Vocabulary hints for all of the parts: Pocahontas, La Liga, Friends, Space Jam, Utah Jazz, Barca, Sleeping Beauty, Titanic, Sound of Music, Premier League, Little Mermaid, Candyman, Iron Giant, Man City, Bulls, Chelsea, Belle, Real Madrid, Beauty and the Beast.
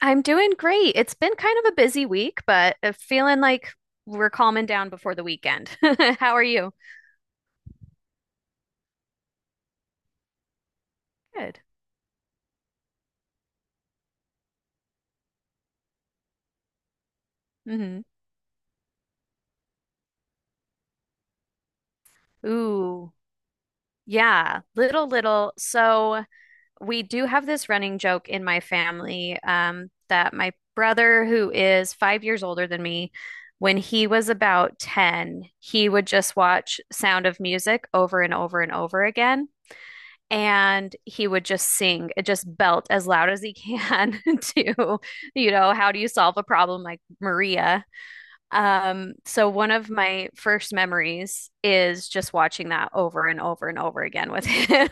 I'm doing great. It's been kind of a busy week, but I feeling like we're calming down before the weekend. How are you? Good. Hmm. Ooh, yeah, little, little. So we do have this running joke in my family, that my brother, who is 5 years older than me, when he was about 10, he would just watch Sound of Music over and over and over again. And he would just sing it, just belt as loud as he can to how do you solve a problem like Maria. So one of my first memories is just watching that over and over and over again with him.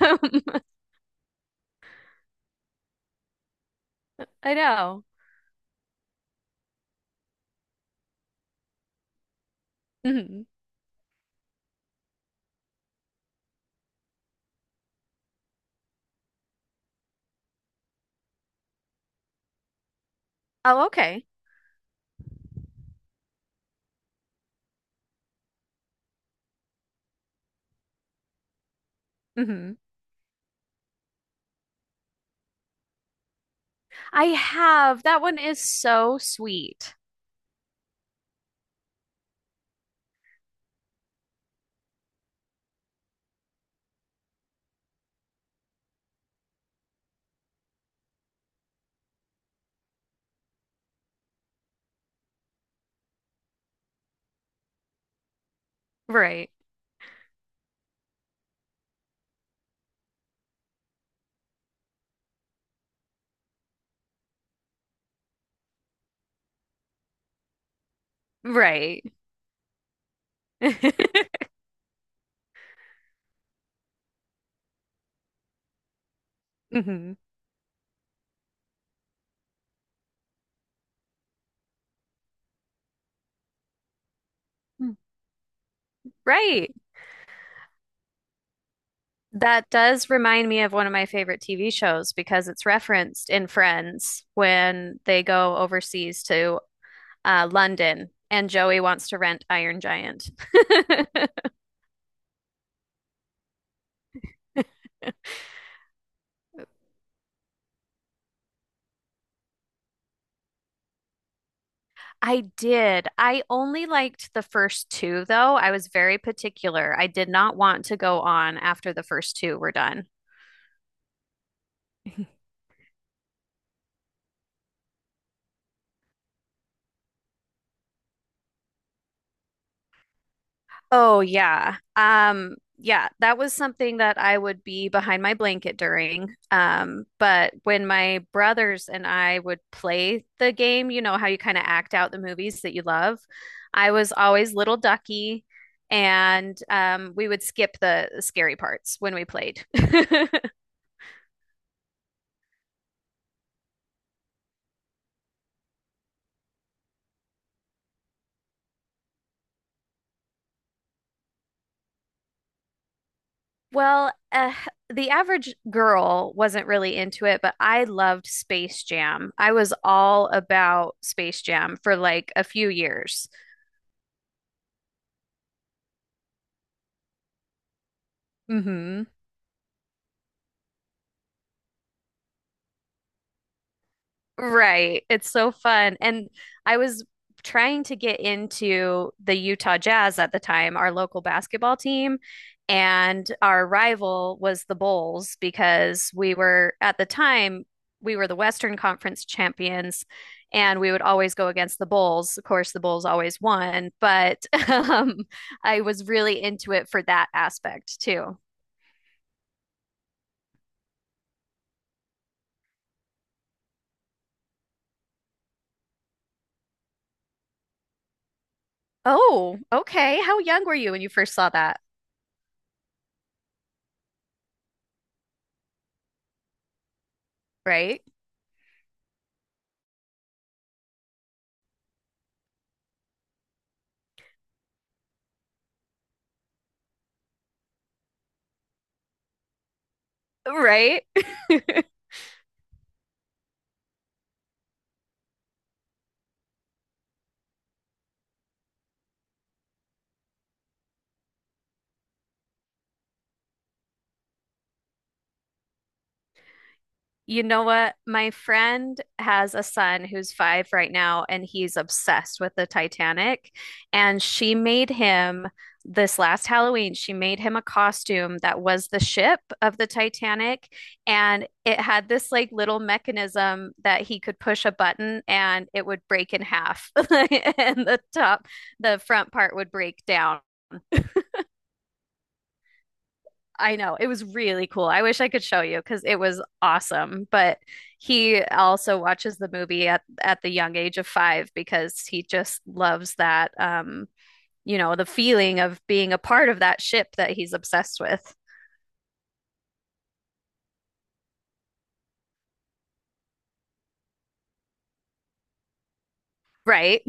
I know. Hmm. Oh, okay. Hmm. I have. That one is so sweet. Right. Right. Hmm. Right. That does remind me of one of my favorite TV shows because it's referenced in Friends when they go overseas to London and Joey wants to rent Iron Giant. I did. I only liked the first two, though. I was very particular. I did not want to go on after the first two were done. Oh yeah. Yeah, that was something that I would be behind my blanket during. Um, but when my brothers and I would play the game, you know how you kind of act out the movies that you love, I was always little ducky, and we would skip the scary parts when we played. Well, the average girl wasn't really into it, but I loved Space Jam. I was all about Space Jam for like a few years. Hmm. Right. It's so fun. And I was trying to get into the Utah Jazz at the time, our local basketball team, and our rival was the Bulls because we were at the time we were the Western Conference champions, and we would always go against the Bulls. Of course, the Bulls always won, but I was really into it for that aspect too. Oh, okay. How young were you when you first saw that? Right? Right? You know what? My friend has a son who's five right now, and he's obsessed with the Titanic. And she made him, this last Halloween, she made him a costume that was the ship of the Titanic. And it had this like little mechanism that he could push a button and it would break in half. And the top, the front part would break down. I know. It was really cool. I wish I could show you because it was awesome. But he also watches the movie at the young age of five because he just loves that, you know, the feeling of being a part of that ship that he's obsessed with. Right.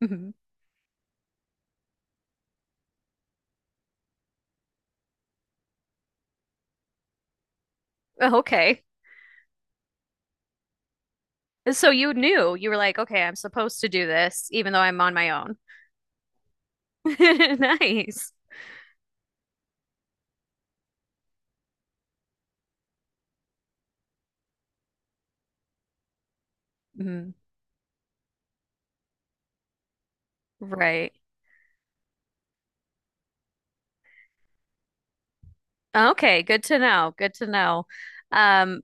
Mhm. Okay. So you knew. You were like, okay, I'm supposed to do this, even though I'm on my own. Nice. Mhm. Right. Okay, good to know. Good to know. Um,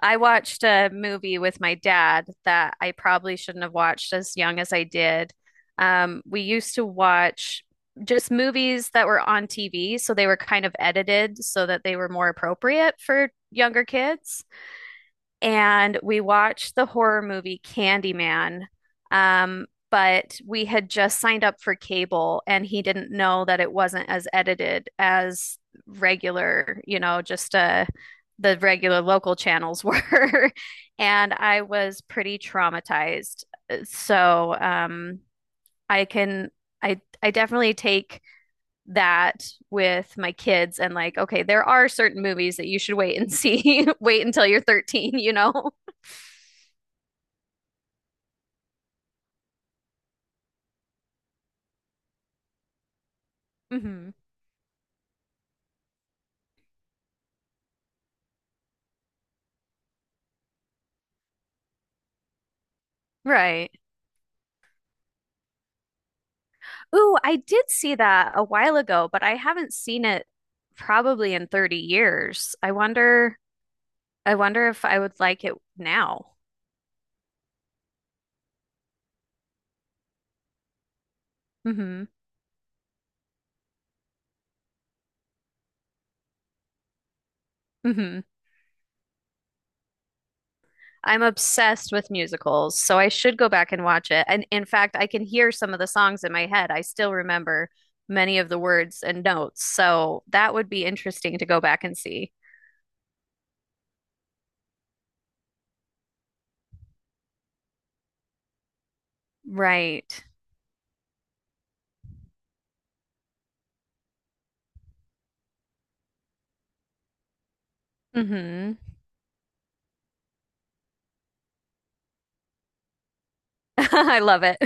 I watched a movie with my dad that I probably shouldn't have watched as young as I did. We used to watch just movies that were on TV, so they were kind of edited so that they were more appropriate for younger kids, and we watched the horror movie Candyman. Um, but we had just signed up for cable and he didn't know that it wasn't as edited as regular, you know, just the regular local channels were. And I was pretty traumatized. So I can I definitely take that with my kids and like, okay, there are certain movies that you should wait and see, wait until you're 13, you know? Hmm. Right. Ooh, I did see that a while ago, but I haven't seen it probably in 30 years. I wonder if I would like it now. Hmm. Hmm. I'm obsessed with musicals, so I should go back and watch it. And in fact, I can hear some of the songs in my head. I still remember many of the words and notes, so that would be interesting to go back and see. Right. Hmm. I love it.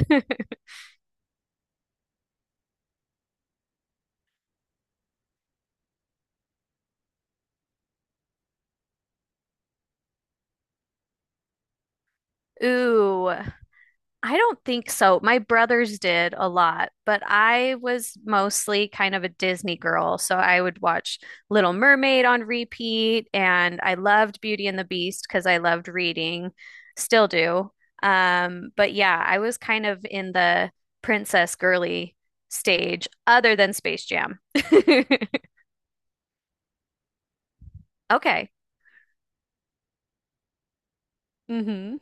Ooh. I don't think so. My brothers did a lot, but I was mostly kind of a Disney girl. So I would watch Little Mermaid on repeat, and I loved Beauty and the Beast because I loved reading, still do. But yeah, I was kind of in the princess girly stage other than Space Jam. Okay. Hmm.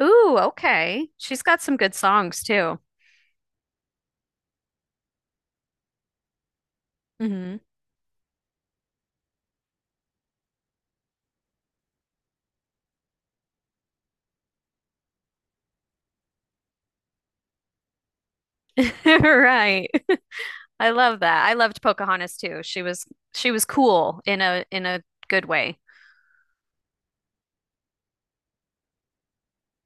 Ooh, okay. She's got some good songs too. Hmm. Right. I love that. I loved Pocahontas too. She was, she was cool in a, in a good way.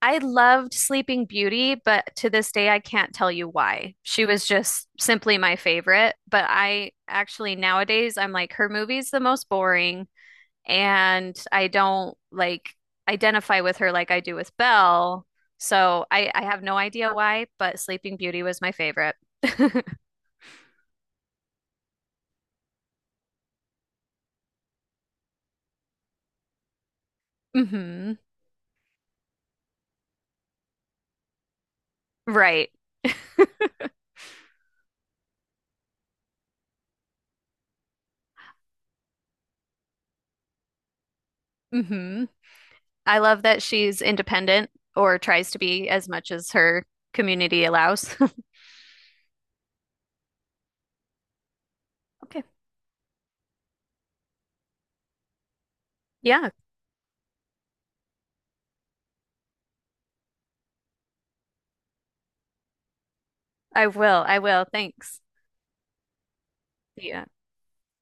I loved Sleeping Beauty, but to this day I can't tell you why. She was just simply my favorite, but I actually nowadays I'm like her movie's the most boring, and I don't like identify with her like I do with Belle. So I have no idea why, but Sleeping Beauty was my favorite. Mhm. Right. Mhm. I love that she's independent, or tries to be as much as her community allows. Okay. Yeah, I will. I will. Thanks. Yeah.